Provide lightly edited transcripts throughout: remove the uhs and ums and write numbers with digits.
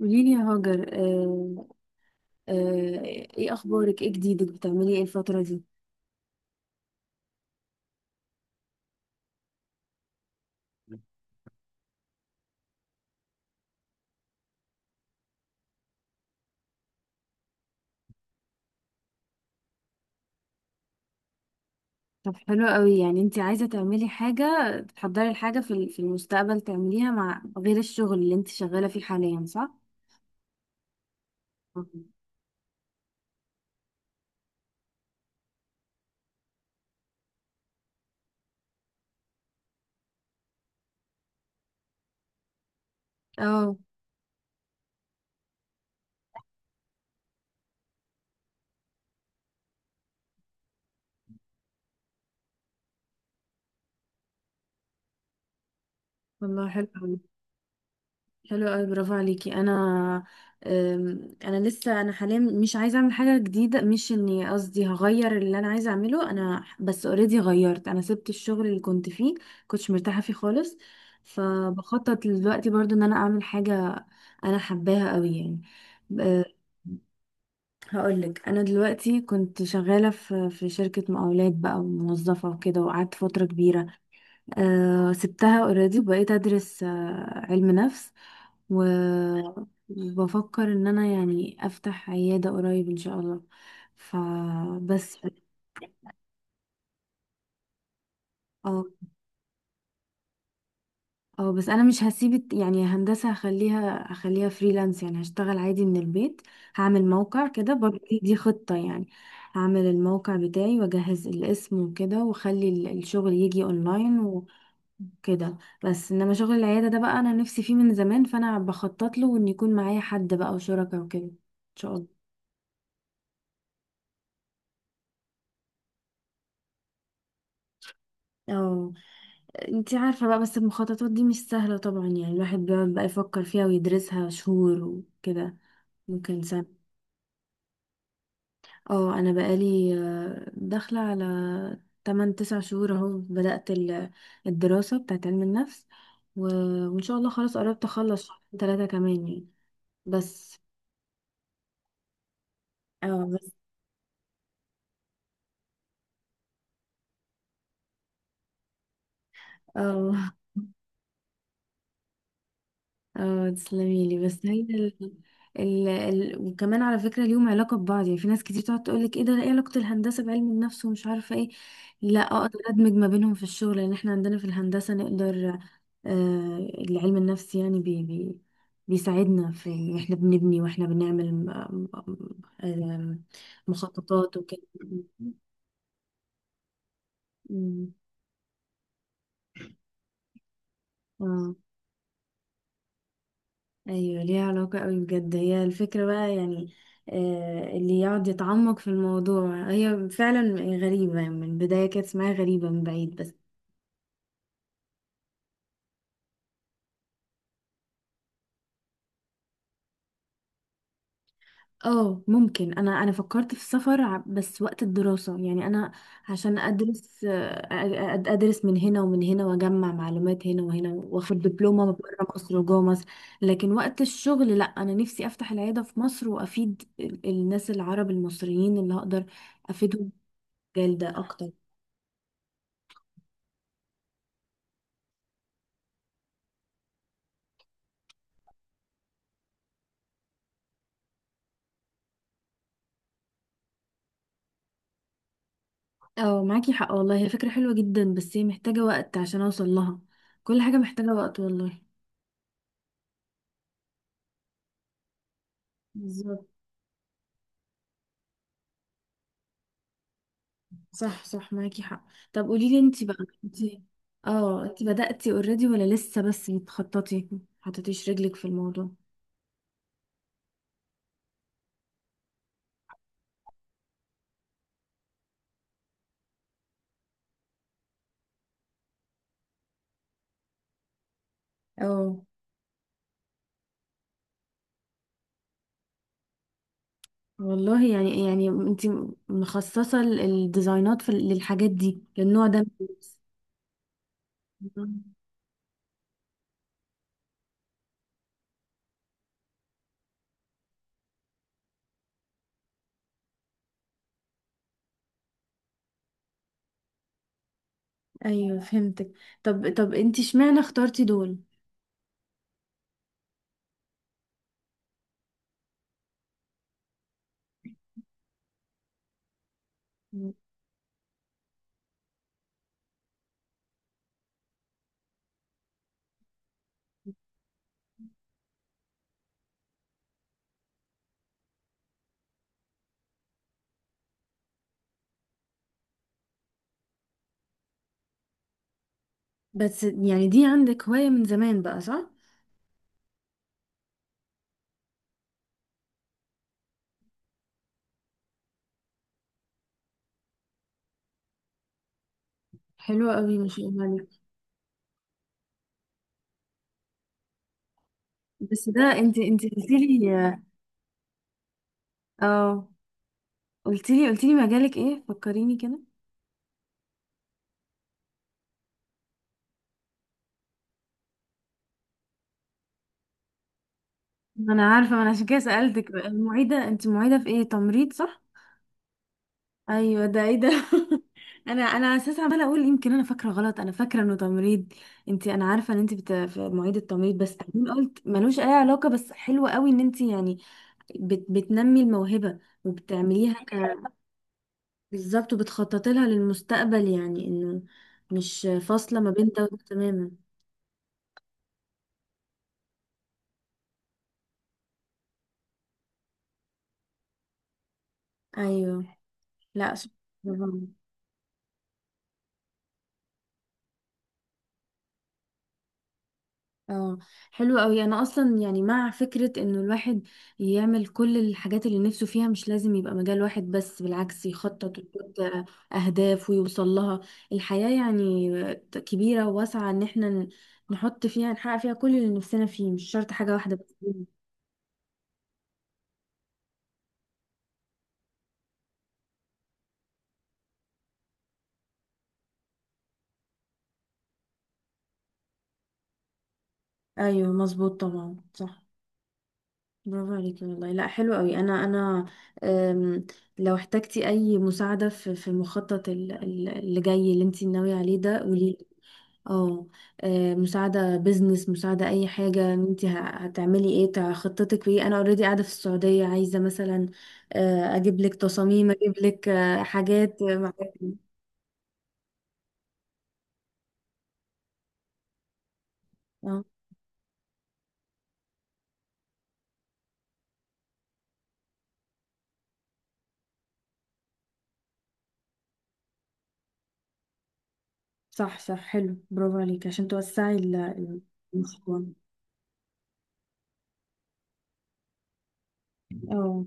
قولي لي يا هاجر آه. آه. ايه اخبارك، ايه جديدك، بتعملي ايه الفترة دي؟ طب حلو قوي، يعني انت عايزة تعملي حاجة تحضري الحاجة في المستقبل تعمليها مع غير الشغل اللي انت شغالة فيه حاليا، صح؟ مهم. اه والله حلو. حلو قوي، برافو عليكي. انا انا لسه، انا حاليا مش عايزه اعمل حاجه جديده، مش اني، قصدي هغير اللي انا عايزه اعمله، انا بس اوريدي غيرت، انا سبت الشغل اللي كنت فيه، كنتش مرتاحه فيه خالص. فبخطط دلوقتي برضو ان انا اعمل حاجه انا حباها قوي يعني. أه، هقولك، انا دلوقتي كنت شغاله في شركه مقاولات بقى وموظفه وكده، وقعدت فتره كبيره. سبتها اوريدي وبقيت ادرس، علم نفس و- وبفكر ان انا يعني افتح عيادة قريب ان شاء الله. فبس. اه. اه بس انا مش هسيب هندسة، هخليها فريلانس، يعني هشتغل عادي من البيت. هعمل موقع كده برضه، دي خطة يعني. هعمل الموقع بتاعي واجهز الاسم وكده واخلي الشغل يجي اونلاين كده. بس انما شغل العيادة ده بقى انا نفسي فيه من زمان، فانا بخطط له ان يكون معايا حد بقى وشركاء وكده ان شاء الله. اه. انتي عارفة بقى، بس المخططات دي مش سهلة طبعا، يعني الواحد بيقعد بقى يفكر فيها ويدرسها شهور وكده، ممكن سنة. اه انا بقالي، داخلة على 8 9 شهور اهو، بدأت الدراسة بتاعت علم النفس و- وان شاء الله خلاص قربت اخلص، شهر 3 كمان يعني. بس. اه بس. اه اه تسلميلي. بس هي ال... ال... ال... وكمان على فكرة ليهم علاقة ببعض يعني، في ناس كتير تقعد تقولك ايه ده، ايه علاقة الهندسة بعلم النفس ومش عارفة ايه، لا اقدر ادمج ما بينهم في الشغل، لان احنا عندنا في الهندسة نقدر. آه، العلم النفسي يعني بي... بي... بيساعدنا في احنا بنبني واحنا بنعمل م... م... م- آم، مخططات وكده م- اه. ايوه ليها علاقة قوي بجد، هي الفكرة بقى يعني، اللي يقعد يتعمق في الموضوع، هي فعلا غريبة من البداية، كانت اسمها غريبة من بعيد بس. اه ممكن، انا فكرت في السفر، بس وقت الدراسة يعني، انا عشان ادرس، ادرس من هنا ومن هنا واجمع معلومات هنا وهنا واخد دبلومة من بره مصر وجوه مصر. لكن وقت الشغل لا، انا نفسي افتح العيادة في مصر وافيد الناس العرب المصريين اللي هقدر افيدهم في المجال ده اكتر. اه معاكي حق والله، هي فكرة حلوة جدا، بس هي محتاجة وقت عشان اوصل لها، كل حاجة محتاجة وقت والله. بالظبط. صح صح معاكي حق. طب قولي لي انتي بقى، انتي اه، انتي بدأتي اوريدي ولا لسه بس بتخططي، حطيتيش رجلك في الموضوع؟ اه. والله يعني، انتي مخصصة الديزاينات في للحاجات دي، للنوع ده من اللبس؟ مم. ايوه فهمتك. طب انتي اشمعنى اخترتي دول؟ مم. بس يعني دي عندك هواية من زمان بقى صح؟ حلوة قوي ما شاء الله عليك. بس ده انت قلت لي. اه قلت لي، مجالك ايه، فكريني كده. ما انا عارفة، ما انا عشان كده سألتك، المعيدة انت، معيدة في ايه، تمريض صح؟ ايوه ده، ايه ده؟ انا اساسا عمالة اقول يمكن انا فاكرة غلط، انا فاكرة انه تمريض. انت، انا عارفة ان انت بت... في، معيدة تمريض، بس بعدين قلت ملوش اي علاقة، بس حلوة قوي ان انت يعني بت... بتنمي الموهبة وبتعمليها ك... بالظبط، وبتخططي لها للمستقبل، يعني انه مش فاصلة ما بين ده وده تماما. ايوه. لا ش-. برافو. اه حلو قوي، انا اصلا يعني مع فكرة انه الواحد يعمل كل الحاجات اللي نفسه فيها، مش لازم يبقى مجال واحد بس، بالعكس يخطط ويحط اهداف ويوصل لها. الحياة يعني كبيرة وواسعة، ان احنا نحط فيها، نحقق فيها كل اللي نفسنا فيه، مش شرط حاجة واحدة بس. ايوه مظبوط طبعا صح. برافو عليكي والله، لا حلو قوي. انا أم، لو احتجتي اي مساعده في المخطط اللي جاي، اللي انت ناويه عليه ده، قولي. اه. مساعده بزنس، مساعده اي حاجه، انت هتعملي ايه، خطتك ايه، انا اوريدي قاعده في السعوديه، عايزه مثلا، اجيب لك تصاميم، اجيب لك حاجات، مع-. اه صح صح حلو، برافو عليكي، عشان توسعي المشروع. اه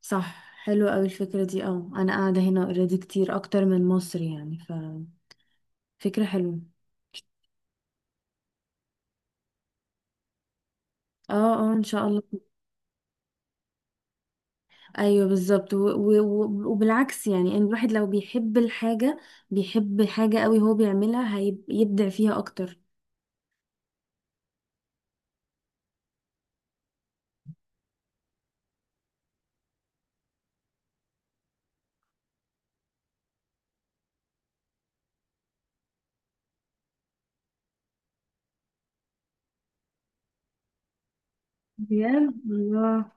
صح. حلوة أوي الفكرة دي، اه أنا قاعدة هنا اوريدي كتير أكتر من مصر، يعني ففكرة حلوة. اه. اه ان شاء الله. ايوه بالظبط، وبالعكس يعني، ان الواحد لو بيحب الحاجة، بيحب حاجة قوي هو بيعملها، هيبدع فيها اكتر. بجد الله.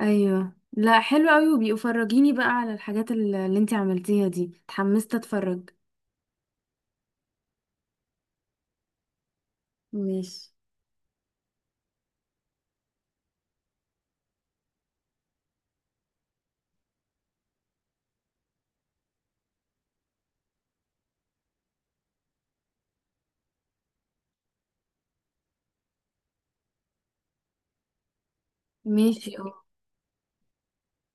ايوه لا حلو قوي، وبيبقوا فرجيني بقى على الحاجات اللي، انتي عملتيها دي، اتحمست اتفرج. ماشي. ماشي اه.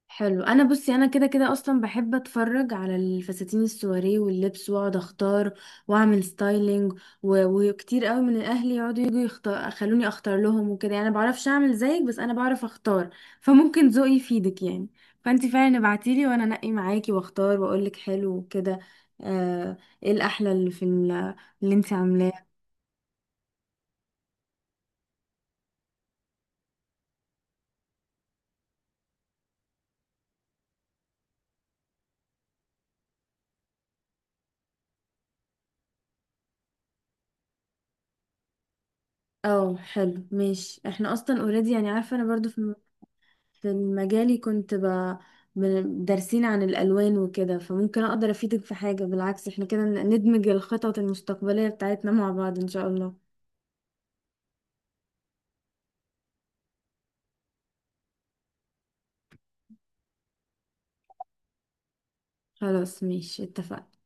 حلو، انا بصي انا كده كده اصلا بحب اتفرج على الفساتين السواري واللبس، واقعد اختار واعمل ستايلينج، و... وكتير قوي من الاهل يقعدوا يجوا يختار، خلوني اختار لهم وكده، يعني انا بعرفش اعمل زيك بس انا بعرف اختار، فممكن ذوقي يفيدك يعني. فانتي فعلا ابعتيلي وانا انقي معاكي واختار واقولك حلو وكده. آه... ايه الاحلى اللي في ال... اللي انتي عاملاه. اه حلو ماشي، احنا اصلا اوريدي يعني، عارفه انا برضو في، كان مجالي، كنت ب... دارسين عن الألوان وكده، فممكن أقدر أفيدك في حاجة، بالعكس احنا كده ندمج الخطط المستقبلية بتاعتنا مع بعض إن شاء الله. خلاص ماشي اتفقنا.